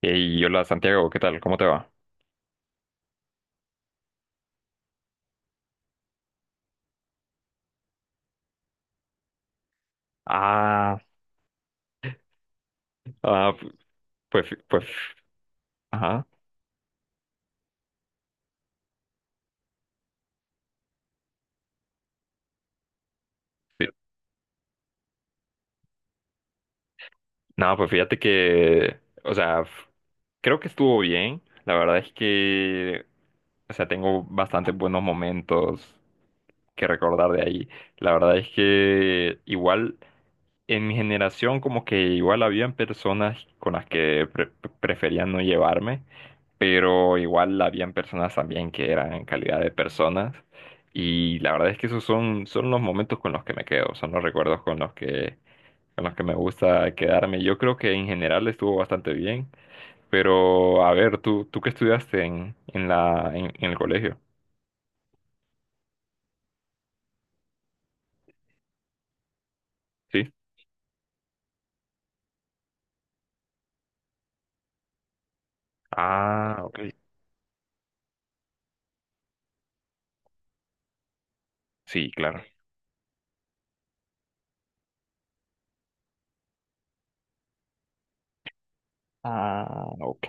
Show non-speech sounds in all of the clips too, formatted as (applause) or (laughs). Y hola Santiago, ¿qué tal? ¿Cómo te va? Ah, ah, pues, pues, ajá. Sí. No, pues fíjate que, o sea, creo que estuvo bien. La verdad es que, o sea, tengo bastantes buenos momentos que recordar de ahí. La verdad es que igual en mi generación como que igual habían personas con las que preferían no llevarme. Pero igual habían personas también que eran en calidad de personas y la verdad es que esos son, son los momentos con los que me quedo, son los recuerdos con los que me gusta quedarme. Yo creo que en general estuvo bastante bien, pero a ver, ¿tú qué estudiaste en el colegio? ¿Sí? Ah, ok. Sí, claro. Ah, ok,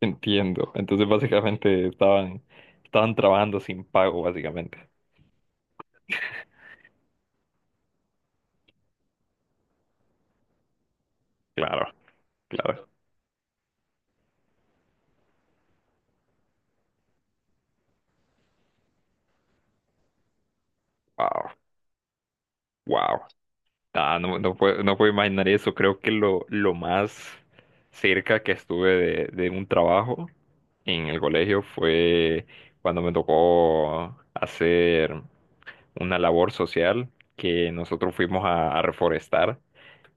entiendo. Entonces básicamente estaban, estaban trabajando sin pago, básicamente. Claro, claro. Wow, wow. Ah, no, no puedo, no puedo imaginar eso. Creo que lo más cerca que estuve de un trabajo en el colegio fue cuando me tocó hacer una labor social que nosotros fuimos a reforestar.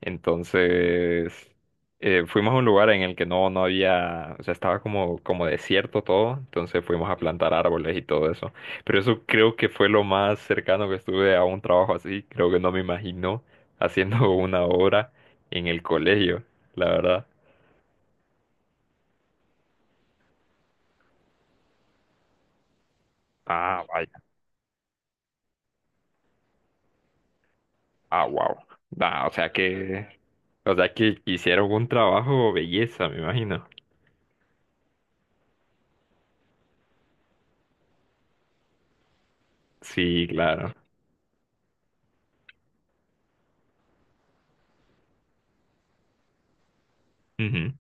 Entonces, fuimos a un lugar en el que no, no había, o sea, estaba como, como desierto todo, entonces fuimos a plantar árboles y todo eso. Pero eso creo que fue lo más cercano que estuve a un trabajo así, creo que no me imagino haciendo (laughs) una obra en el colegio, la verdad. Ah, vaya, ah, wow. O sea que, o sea que hicieron un trabajo belleza, me imagino. Sí, claro. Ujú.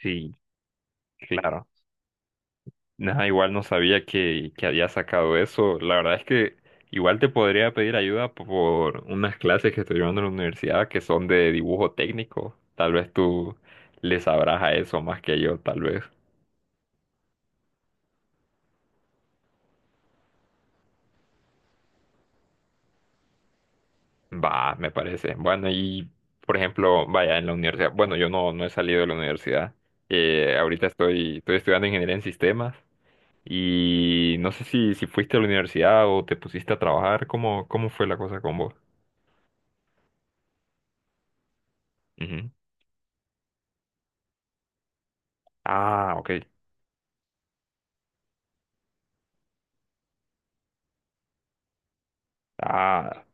Sí, claro. Nada, igual no sabía que había sacado eso. La verdad es que igual te podría pedir ayuda por unas clases que estoy llevando en la universidad que son de dibujo técnico. Tal vez tú le sabrás a eso más que yo, tal vez. Va, me parece. Bueno, y por ejemplo, vaya, en la universidad. Bueno, yo no, no he salido de la universidad. Ahorita estoy, estoy estudiando ingeniería en sistemas. Y no sé si, si fuiste a la universidad o te pusiste a trabajar. ¿Cómo, cómo fue la cosa con vos? Ujú. Ah, ok. Ah,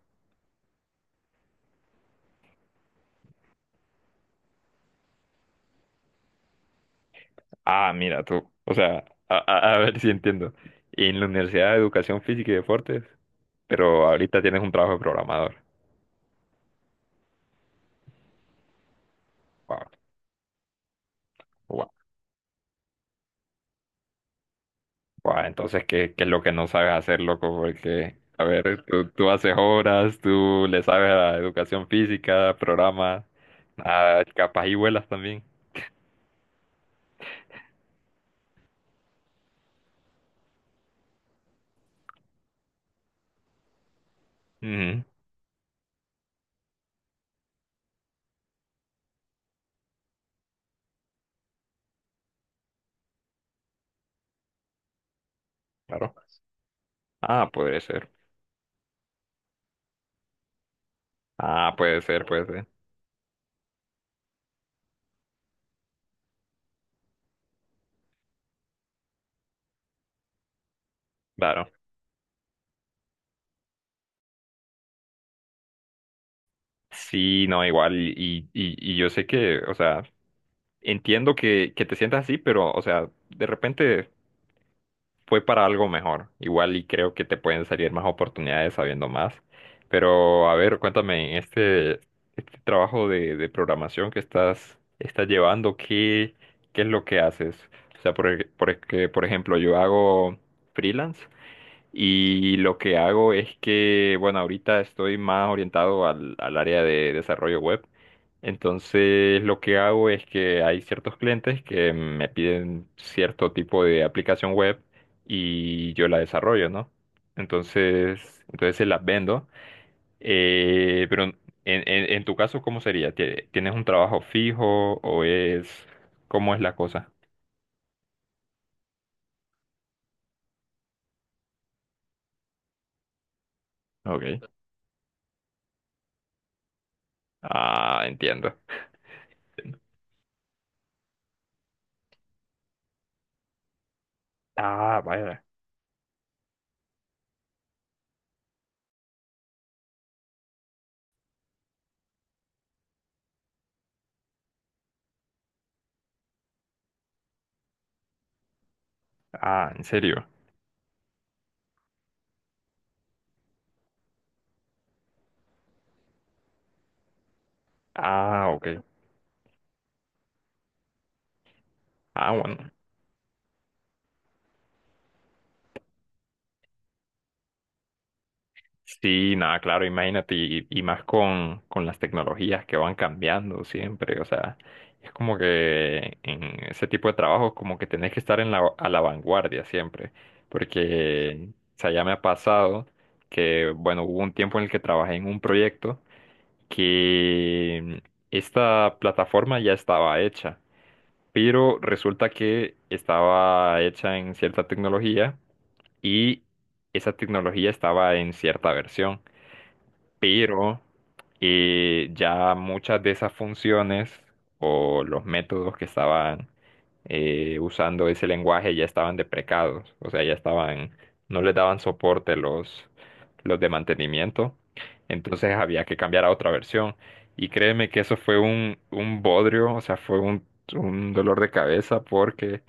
ah, mira tú. O sea, a ver (laughs) si entiendo. En la Universidad de Educación Física y Deportes, pero ahorita tienes un trabajo de programador. Wow, wow, wow. Entonces, ¿qué, qué es lo que no sabes hacer, loco? Porque, a ver, tú haces horas, tú le sabes a educación física, programas, ah, capaz y vuelas también. Ujú, claro. Ah, puede ser. Ah, puede ser, puede ser. Claro. Sí, no, igual, y yo sé que, o sea, entiendo que te sientas así, pero, o sea, de repente fue para algo mejor. Igual y creo que te pueden salir más oportunidades sabiendo más. Pero, a ver, cuéntame, en este, este trabajo de programación que estás, estás llevando, ¿qué, qué es lo que haces? O sea, por, que, por ejemplo, yo hago freelance y lo que hago es que, bueno, ahorita estoy más orientado al, al área de desarrollo web. Entonces, lo que hago es que hay ciertos clientes que me piden cierto tipo de aplicación web y yo la desarrollo, ¿no? Entonces, entonces se las vendo. Pero en, en tu caso, ¿cómo sería? ¿Tienes un trabajo fijo o es... ¿Cómo es la cosa? Ok. Ah, entiendo. Ah, vaya. Ah, en serio. Ah, ok. Ah, bueno. Sí, nada, claro, imagínate, y más con las tecnologías que van cambiando siempre, o sea, es como que en ese tipo de trabajos como que tenés que estar en la, a la vanguardia siempre, porque, o sea, ya me ha pasado que, bueno, hubo un tiempo en el que trabajé en un proyecto que esta plataforma ya estaba hecha, pero resulta que estaba hecha en cierta tecnología y esa tecnología estaba en cierta versión, pero ya muchas de esas funciones o los métodos que estaban usando ese lenguaje ya estaban deprecados, o sea, ya estaban, no les daban soporte los de mantenimiento, entonces había que cambiar a otra versión. Y créeme que eso fue un bodrio, o sea, fue un dolor de cabeza porque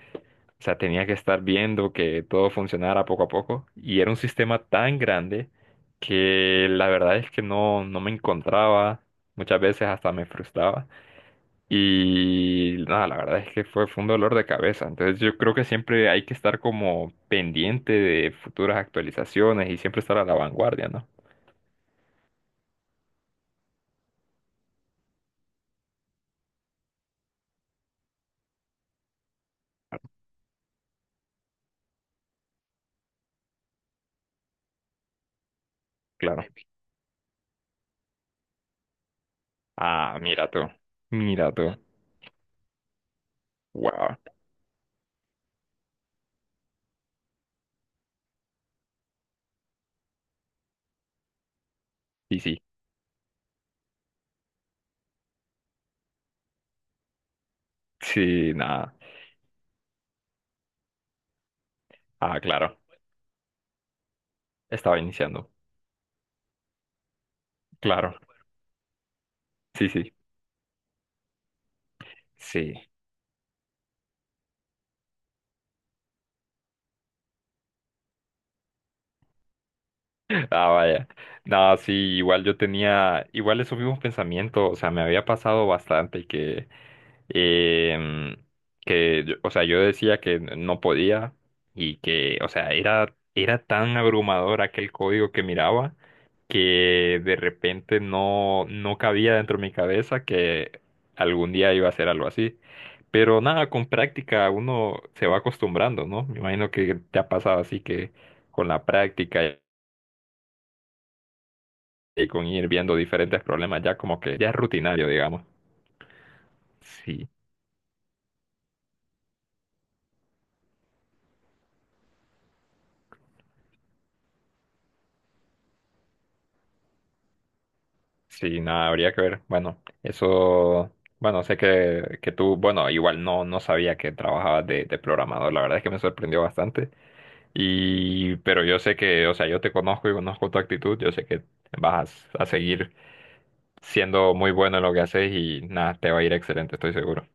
o sea, tenía que estar viendo que todo funcionara poco a poco. Y era un sistema tan grande que la verdad es que no, no me encontraba. Muchas veces hasta me frustraba. Y nada, la verdad es que fue, fue un dolor de cabeza. Entonces yo creo que siempre hay que estar como pendiente de futuras actualizaciones y siempre estar a la vanguardia, ¿no? Claro. Ah, mira tú. Mira tú. Wow. Sí, sí. Sí, nada. Ah, claro. Estaba iniciando. Claro. Sí, sí. Sí. Ah, vaya. No, sí, igual yo tenía, igual esos mismos pensamientos, o sea, me había pasado bastante que, em, que, o sea, yo decía que no podía y que, o sea, era, era tan abrumador aquel código que miraba que de repente no, no cabía dentro de mi cabeza que algún día iba a hacer algo así. Pero nada, con práctica uno se va acostumbrando, ¿no? Me imagino que te ha pasado así que con la práctica y con ir viendo diferentes problemas ya como que ya es rutinario, digamos. Sí, sí, nada, habría que ver. Bueno, eso, bueno, sé que tú, bueno, igual no, no sabía que trabajabas de programador, la verdad es que me sorprendió bastante. Y, pero yo sé que, o sea, yo te conozco y conozco tu actitud, yo sé que vas a seguir siendo muy bueno en lo que haces y nada, te va a ir excelente, estoy seguro.